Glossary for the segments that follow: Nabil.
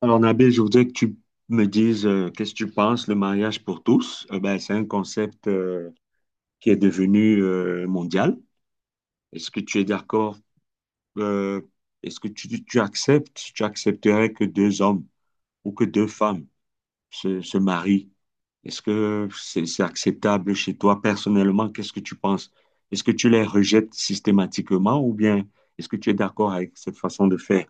Alors, Nabil, je voudrais que tu me dises qu'est-ce que tu penses, le mariage pour tous. Ben, c'est un concept qui est devenu mondial. Est-ce que tu es d'accord? euh, Est-ce que tu acceptes, tu accepterais que deux hommes ou que deux femmes se marient? Est-ce que c'est acceptable chez toi personnellement? Qu'est-ce que tu penses? Est-ce que tu les rejettes systématiquement ou bien est-ce que tu es d'accord avec cette façon de faire?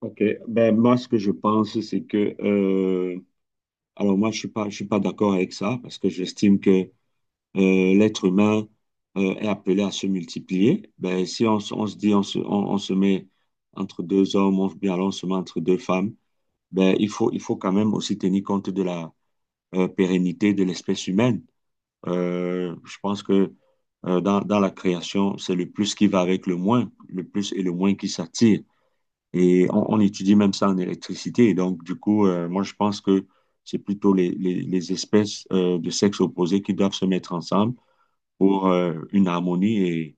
Ok, ben moi ce que je pense c'est que alors moi je suis pas d'accord avec ça parce que j'estime que l'être humain est appelé à se multiplier. Ben si on se dit on se met entre deux hommes on, bien alors on se met entre deux femmes, ben il faut quand même aussi tenir compte de la pérennité de l'espèce humaine. Je pense que dans la création c'est le plus qui va avec le moins, le plus et le moins qui s'attirent. Et on étudie même ça en électricité. Et donc, du coup, moi, je pense que c'est plutôt les espèces de sexe opposé qui doivent se mettre ensemble pour une harmonie.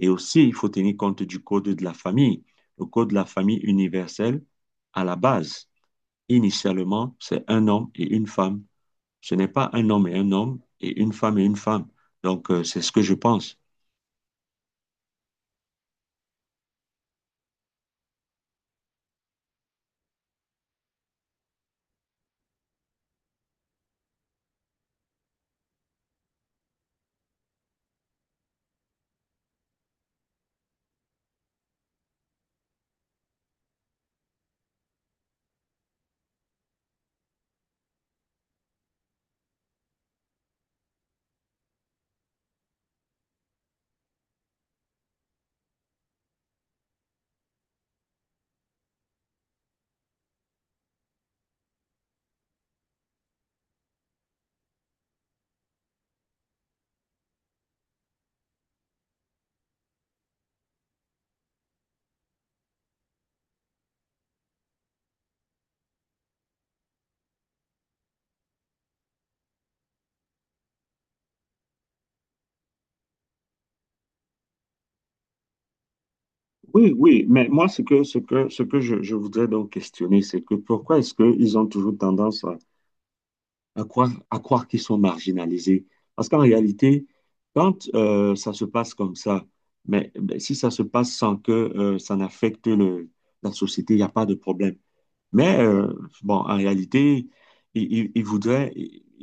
Et aussi, il faut tenir compte du code de la famille. Le code de la famille universel, à la base, initialement, c'est un homme et une femme. Ce n'est pas un homme et un homme et une femme et une femme. Donc, c'est ce que je pense. Oui, oui, mais moi, ce que je voudrais donc questionner, c'est que pourquoi est-ce qu'ils ont toujours tendance à à croire qu'ils sont marginalisés. Parce qu'en réalité, quand ça se passe comme ça, mais si ça se passe sans que ça n'affecte la société, il n'y a pas de problème. Mais bon, en réalité, il voudraient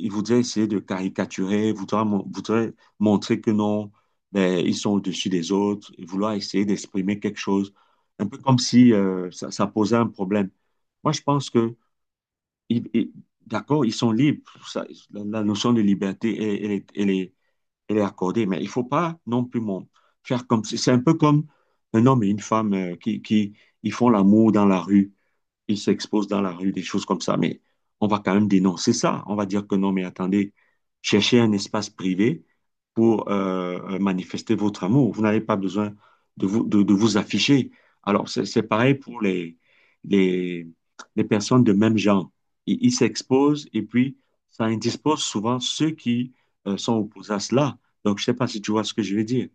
il voudrait essayer de caricaturer, voudraient voudrait montrer que non, ben, ils sont au-dessus des autres, et vouloir essayer d'exprimer quelque chose, un peu comme si ça posait un problème. Moi, je pense que ils- ils- d'accord, ils sont libres. Ça, la notion de liberté, elle elle est accordée, mais il faut pas non plus faire comme si- C'est un peu comme un homme et une femme qui ils font l'amour dans la rue, ils s'exposent dans la rue, des choses comme ça. Mais on va quand même dénoncer ça. On va dire que non, mais attendez, cherchez un espace privé pour manifester votre amour. Vous n'avez pas besoin de de vous afficher. Alors, c'est pareil pour les, les personnes de même genre. Ils s'exposent et puis ça indispose souvent ceux qui sont opposés à cela. Donc, je ne sais pas si tu vois ce que je veux dire.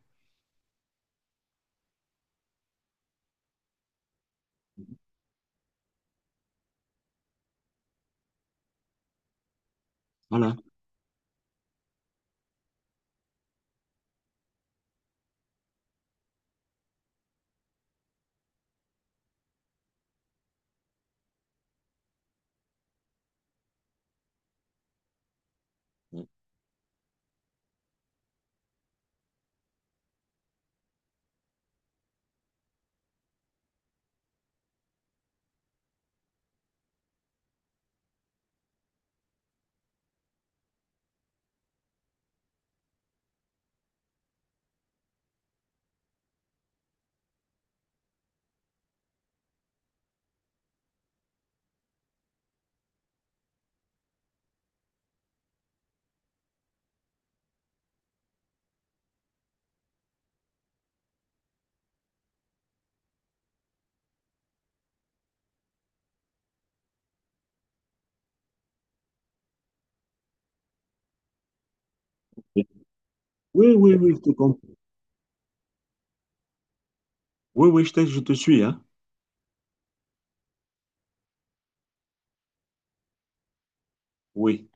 Voilà. Oui, oui, oui, je te comprends. Oui, oui, je te suis, hein. Oui.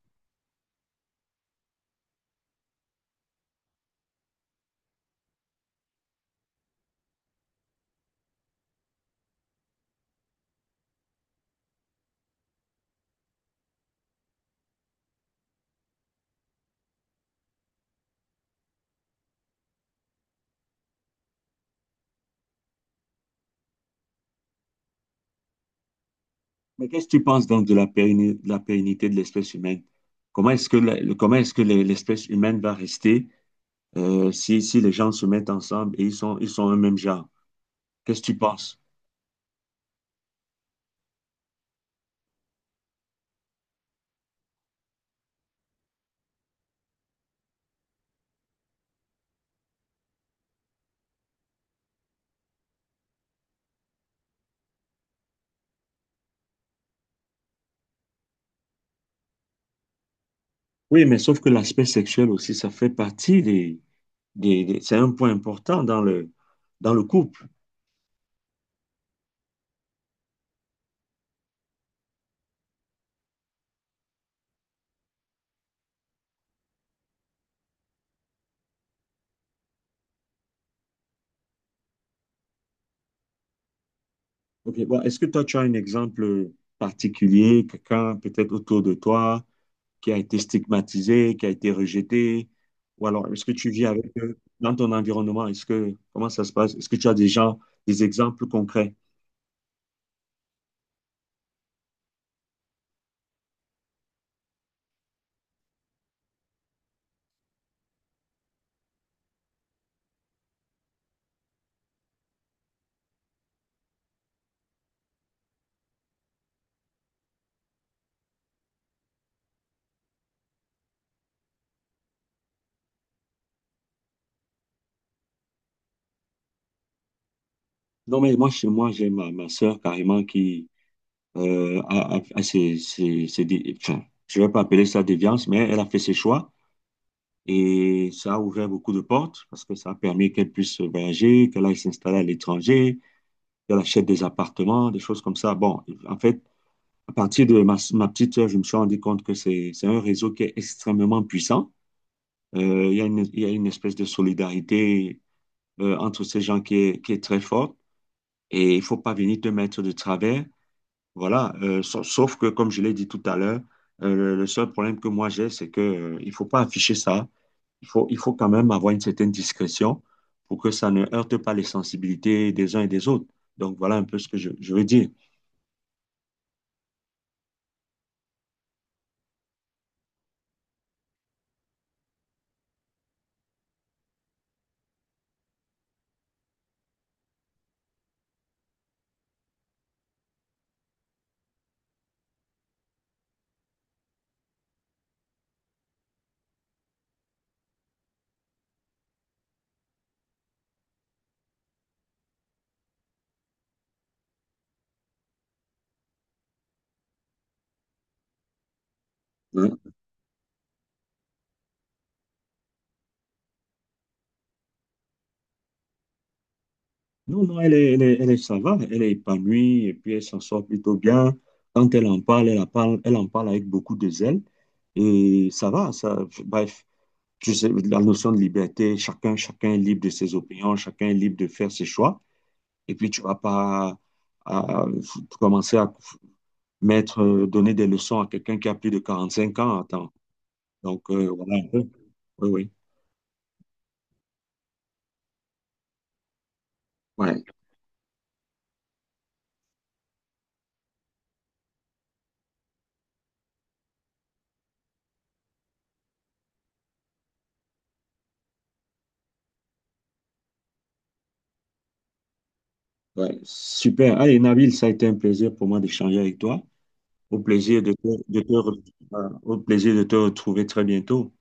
Mais qu'est-ce que tu penses donc de de la pérennité de l'espèce humaine? Comment est-ce que comment est-ce que l'espèce humaine va rester si, si les gens se mettent ensemble et ils sont un même genre? Qu'est-ce que tu penses? Oui, mais sauf que l'aspect sexuel aussi, ça fait partie c'est un point important dans dans le couple. Ok, bon, est-ce que toi, tu as un exemple particulier, quelqu'un peut-être autour de toi? Qui a été stigmatisé, qui a été rejeté? Ou alors, est-ce que tu vis avec eux dans ton environnement? Est-ce que, comment ça se passe? Est-ce que tu as des gens, des exemples concrets? Non, mais moi, chez moi, j'ai ma sœur carrément qui a ses enfin, je ne vais pas appeler ça déviance, mais elle a fait ses choix et ça a ouvert beaucoup de portes parce que ça a permis qu'elle puisse voyager, qu'elle aille s'installer à l'étranger, qu'elle achète des appartements, des choses comme ça. Bon, en fait, à partir de ma petite sœur, je me suis rendu compte que c'est un réseau qui est extrêmement puissant. Il y a il y a une espèce de solidarité entre ces gens qui est très forte et il faut pas venir te mettre de travers. Voilà. Sauf que, comme je l'ai dit tout à l'heure, le seul problème que moi j'ai, c'est que, il faut pas afficher ça. Il faut quand même avoir une certaine discrétion pour que ça ne heurte pas les sensibilités des uns et des autres. Donc, voilà un peu ce que je veux dire. Hein. Non, non, elle ça va, elle est épanouie et puis elle s'en sort plutôt bien. Quand elle en parle, elle en parle avec beaucoup de zèle et ça va, ça, bref, je sais, la notion de liberté, chacun est libre de ses opinions, chacun est libre de faire ses choix et puis tu vas pas à, commencer à mettre, donner des leçons à quelqu'un qui a plus de 45 ans, attends. Donc, voilà un peu. Oui, oui. Ouais, ouais. Super. Allez, Nabil, ça a été un plaisir pour moi d'échanger avec toi. Au plaisir de te- de te re- Au plaisir de te retrouver très bientôt.